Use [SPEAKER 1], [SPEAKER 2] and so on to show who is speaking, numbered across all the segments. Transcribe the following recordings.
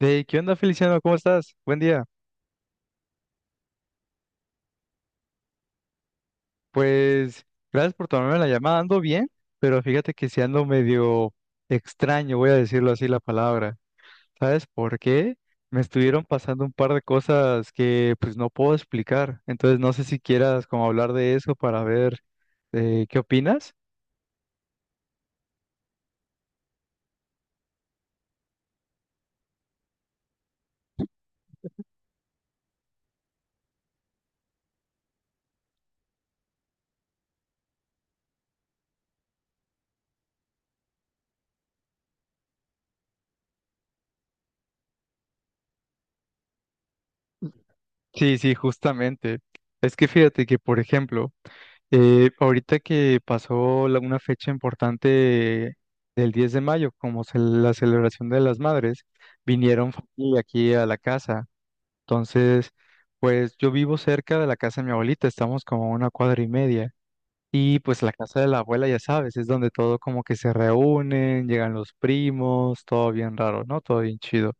[SPEAKER 1] Hey, ¿qué onda, Feliciano? ¿Cómo estás? Buen día. Pues gracias por tomarme la llamada. Ando bien, pero fíjate que si ando medio extraño, voy a decirlo así la palabra. ¿Sabes por qué? Me estuvieron pasando un par de cosas que pues no puedo explicar. Entonces no sé si quieras como hablar de eso para ver qué opinas. Sí, sí, justamente. Es que fíjate que, por ejemplo, ahorita que pasó una fecha importante del 10 de mayo, como la celebración de las madres, vinieron familia aquí a la casa. Entonces, pues yo vivo cerca de la casa de mi abuelita, estamos como a una cuadra y media. Y pues la casa de la abuela, ya sabes, es donde todo como que se reúnen, llegan los primos, todo bien raro, ¿no? Todo bien chido.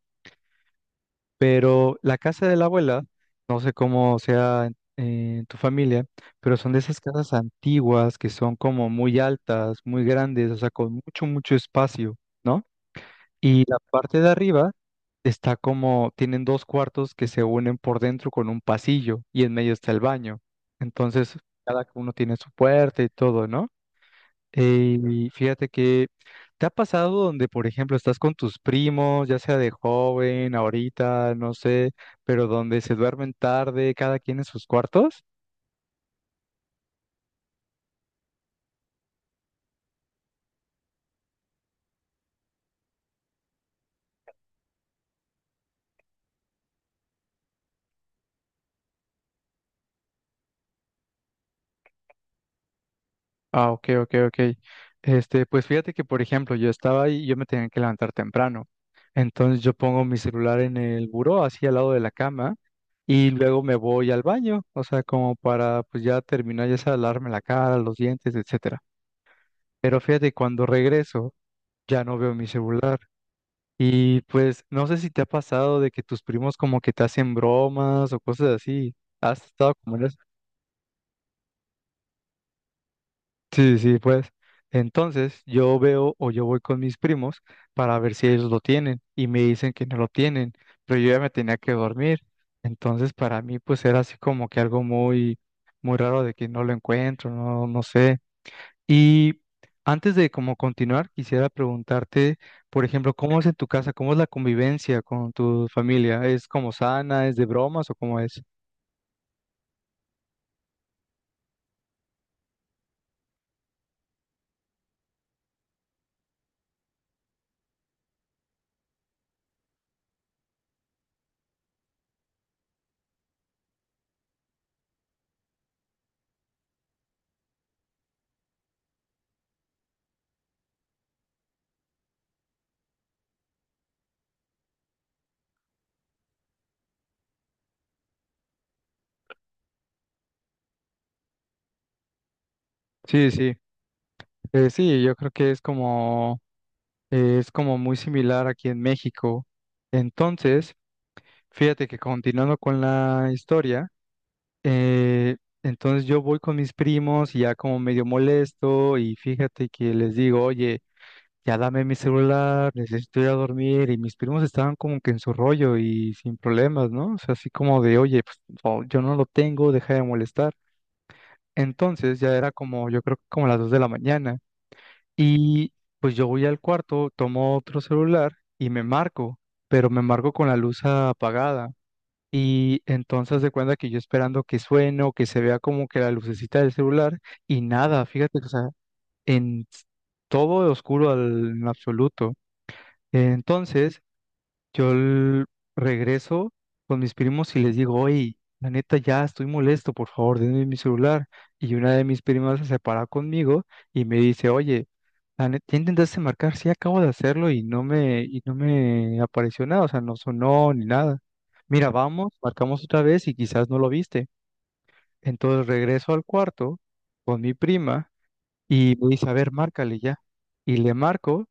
[SPEAKER 1] Pero la casa de la abuela, no sé cómo sea en tu familia, pero son de esas casas antiguas que son como muy altas, muy grandes, o sea, con mucho, mucho espacio, ¿no? Y la parte de arriba está como, tienen dos cuartos que se unen por dentro con un pasillo y en medio está el baño. Entonces, cada uno tiene su puerta y todo, ¿no? Y fíjate que te ha pasado donde, por ejemplo, estás con tus primos, ya sea de joven, ahorita, no sé, pero donde se duermen tarde, cada quien en sus cuartos. Ah, ok, ok, ok. Este, pues fíjate que, por ejemplo, yo estaba ahí y yo me tenía que levantar temprano. Entonces yo pongo mi celular en el buró, así al lado de la cama, y luego me voy al baño, o sea, como para, pues ya terminar, ya sea lavarme la cara, los dientes, etcétera. Pero fíjate, cuando regreso, ya no veo mi celular. Y pues no sé si te ha pasado de que tus primos como que te hacen bromas o cosas así. ¿Has estado como en eso? Sí, sí, pues. Entonces yo veo o yo voy con mis primos para ver si ellos lo tienen y me dicen que no lo tienen, pero yo ya me tenía que dormir. Entonces para mí pues era así como que algo muy, muy raro de que no lo encuentro, no, no sé. Y antes de como continuar, quisiera preguntarte, por ejemplo, ¿cómo es en tu casa? ¿Cómo es la convivencia con tu familia? ¿Es como sana? ¿Es de bromas o cómo es? Sí, sí. Sí, yo creo que es como muy similar aquí en México. Entonces, fíjate que continuando con la historia, eh, entonces yo voy con mis primos y ya como medio molesto y fíjate que les digo, oye, ya dame mi celular, necesito ir a dormir. Y mis primos estaban como que en su rollo y sin problemas, ¿no? O sea, así como de, oye, pues no, yo no lo tengo, deja de molestar. Entonces ya era como, yo creo que como las 2 de la mañana. Y pues yo voy al cuarto, tomo otro celular y me marco, pero me marco con la luz apagada. Y entonces de cuenta que yo esperando que suene o que se vea como que la lucecita del celular y nada, fíjate, que, o sea, en todo oscuro al, en absoluto. Entonces, yo l- regreso con mis primos y les digo, oye, la neta ya estoy molesto, por favor, denme mi celular. Y una de mis primas se separa conmigo y me dice, oye, la neta, ¿ya intentaste marcar? Sí, acabo de hacerlo y no me apareció nada, o sea, no sonó ni nada. Mira, vamos, marcamos otra vez y quizás no lo viste. Entonces regreso al cuarto con mi prima y me dice, a ver, márcale ya. Y le marco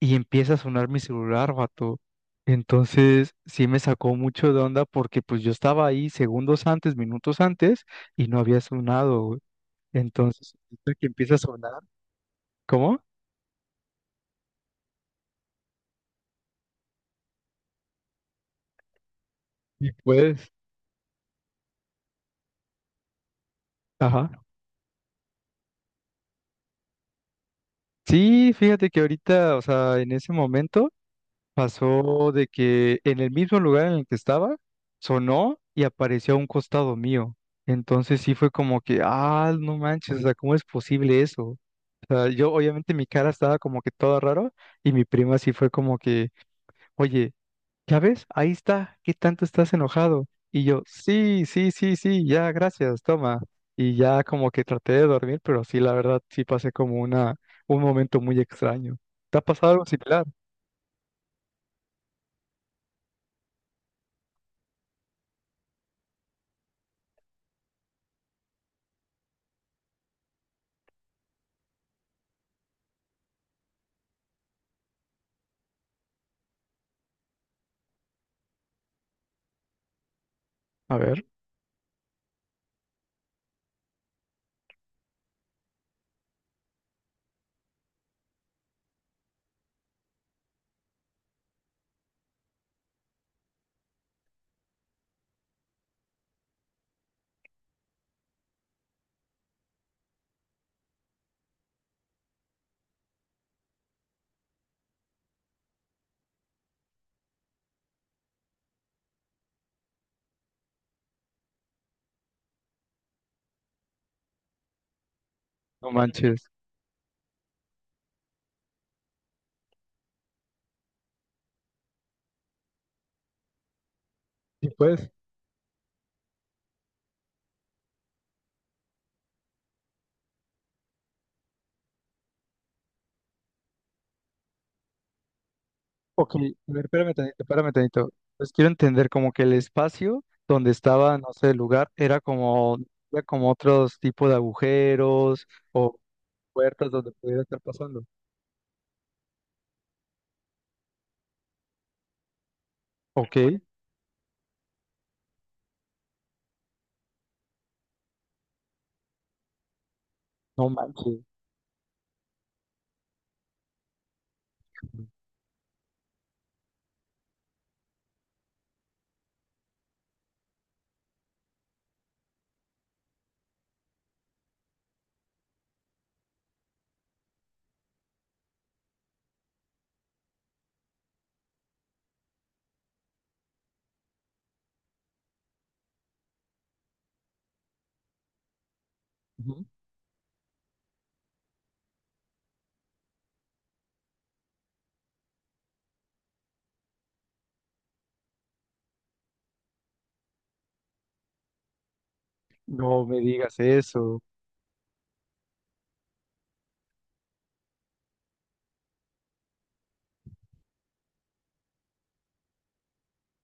[SPEAKER 1] y empieza a sonar mi celular, vato. Entonces, sí me sacó mucho de onda porque pues yo estaba ahí segundos antes, minutos antes, y no había sonado, güey. Entonces, ahorita que empieza a sonar, ¿cómo? Y pues, ajá. Sí, fíjate que ahorita, o sea, en ese momento pasó de que en el mismo lugar en el que estaba, sonó y apareció a un costado mío. Entonces sí fue como que, ah, no manches, o sea, ¿cómo es posible eso? O sea, yo obviamente mi cara estaba como que todo raro y mi prima sí fue como que, oye, ¿ya ves? Ahí está, ¿qué tanto estás enojado? Y yo, sí, sí, sí, sí, ya, gracias, toma. Y ya como que traté de dormir, pero sí, la verdad, sí pasé como una, un momento muy extraño. ¿Te ha pasado algo similar? A ver, no manches. Sí, pues, ok, a ver, espérame tantito, espérame tantito. Pues quiero entender como que el espacio donde estaba, no sé, el lugar, era como otros tipos de agujeros o puertas donde pudiera estar pasando. Ok, no manches. Ujú. No me digas eso.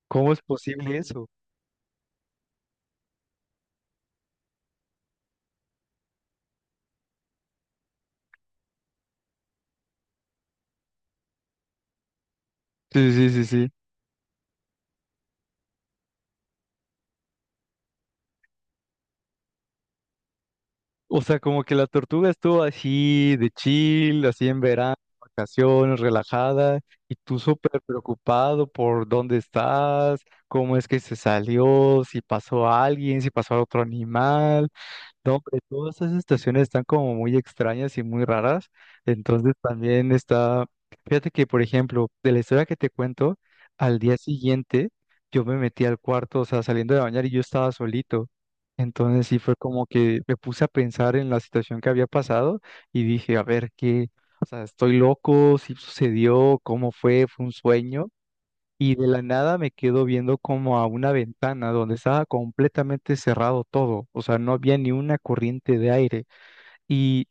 [SPEAKER 1] ¿Cómo es posible eso? Sí, sí, sí, sí. O sea, como que la tortuga estuvo así de chill, así en verano, vacaciones, relajada, y tú súper preocupado por dónde estás, cómo es que se salió, si pasó alguien, si pasó otro animal. No, hombre, todas esas estaciones están como muy extrañas y muy raras. Entonces también está, fíjate que, por ejemplo, de la historia que te cuento, al día siguiente yo me metí al cuarto, o sea, saliendo de bañar y yo estaba solito. Entonces sí fue como que me puse a pensar en la situación que había pasado y dije, a ver, ¿qué? O sea, ¿estoy loco? ¿Sí sucedió? ¿Cómo fue? ¿Fue un sueño? Y de la nada me quedo viendo como a una ventana donde estaba completamente cerrado todo, o sea, no había ni una corriente de aire. Y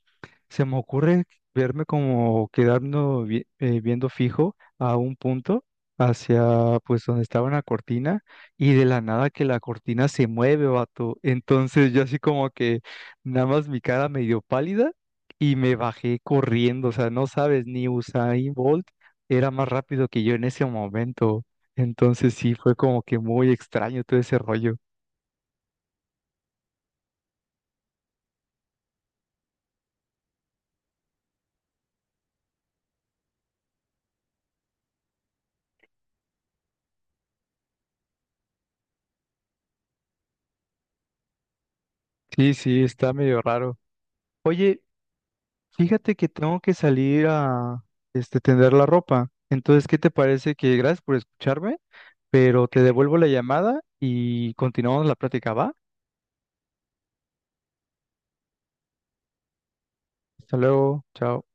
[SPEAKER 1] se me ocurre verme como quedando viendo fijo a un punto hacia pues donde estaba una cortina y de la nada que la cortina se mueve, vato. Entonces yo así como que nada más mi cara medio pálida y me bajé corriendo, o sea, no sabes, ni Usain Bolt era más rápido que yo en ese momento. Entonces sí, fue como que muy extraño todo ese rollo. Sí, sí, está medio raro. Oye, fíjate que tengo que salir a este, tender la ropa. Entonces, ¿qué te parece que gracias por escucharme? Pero te devuelvo la llamada y continuamos la práctica, ¿va? Hasta luego, chao.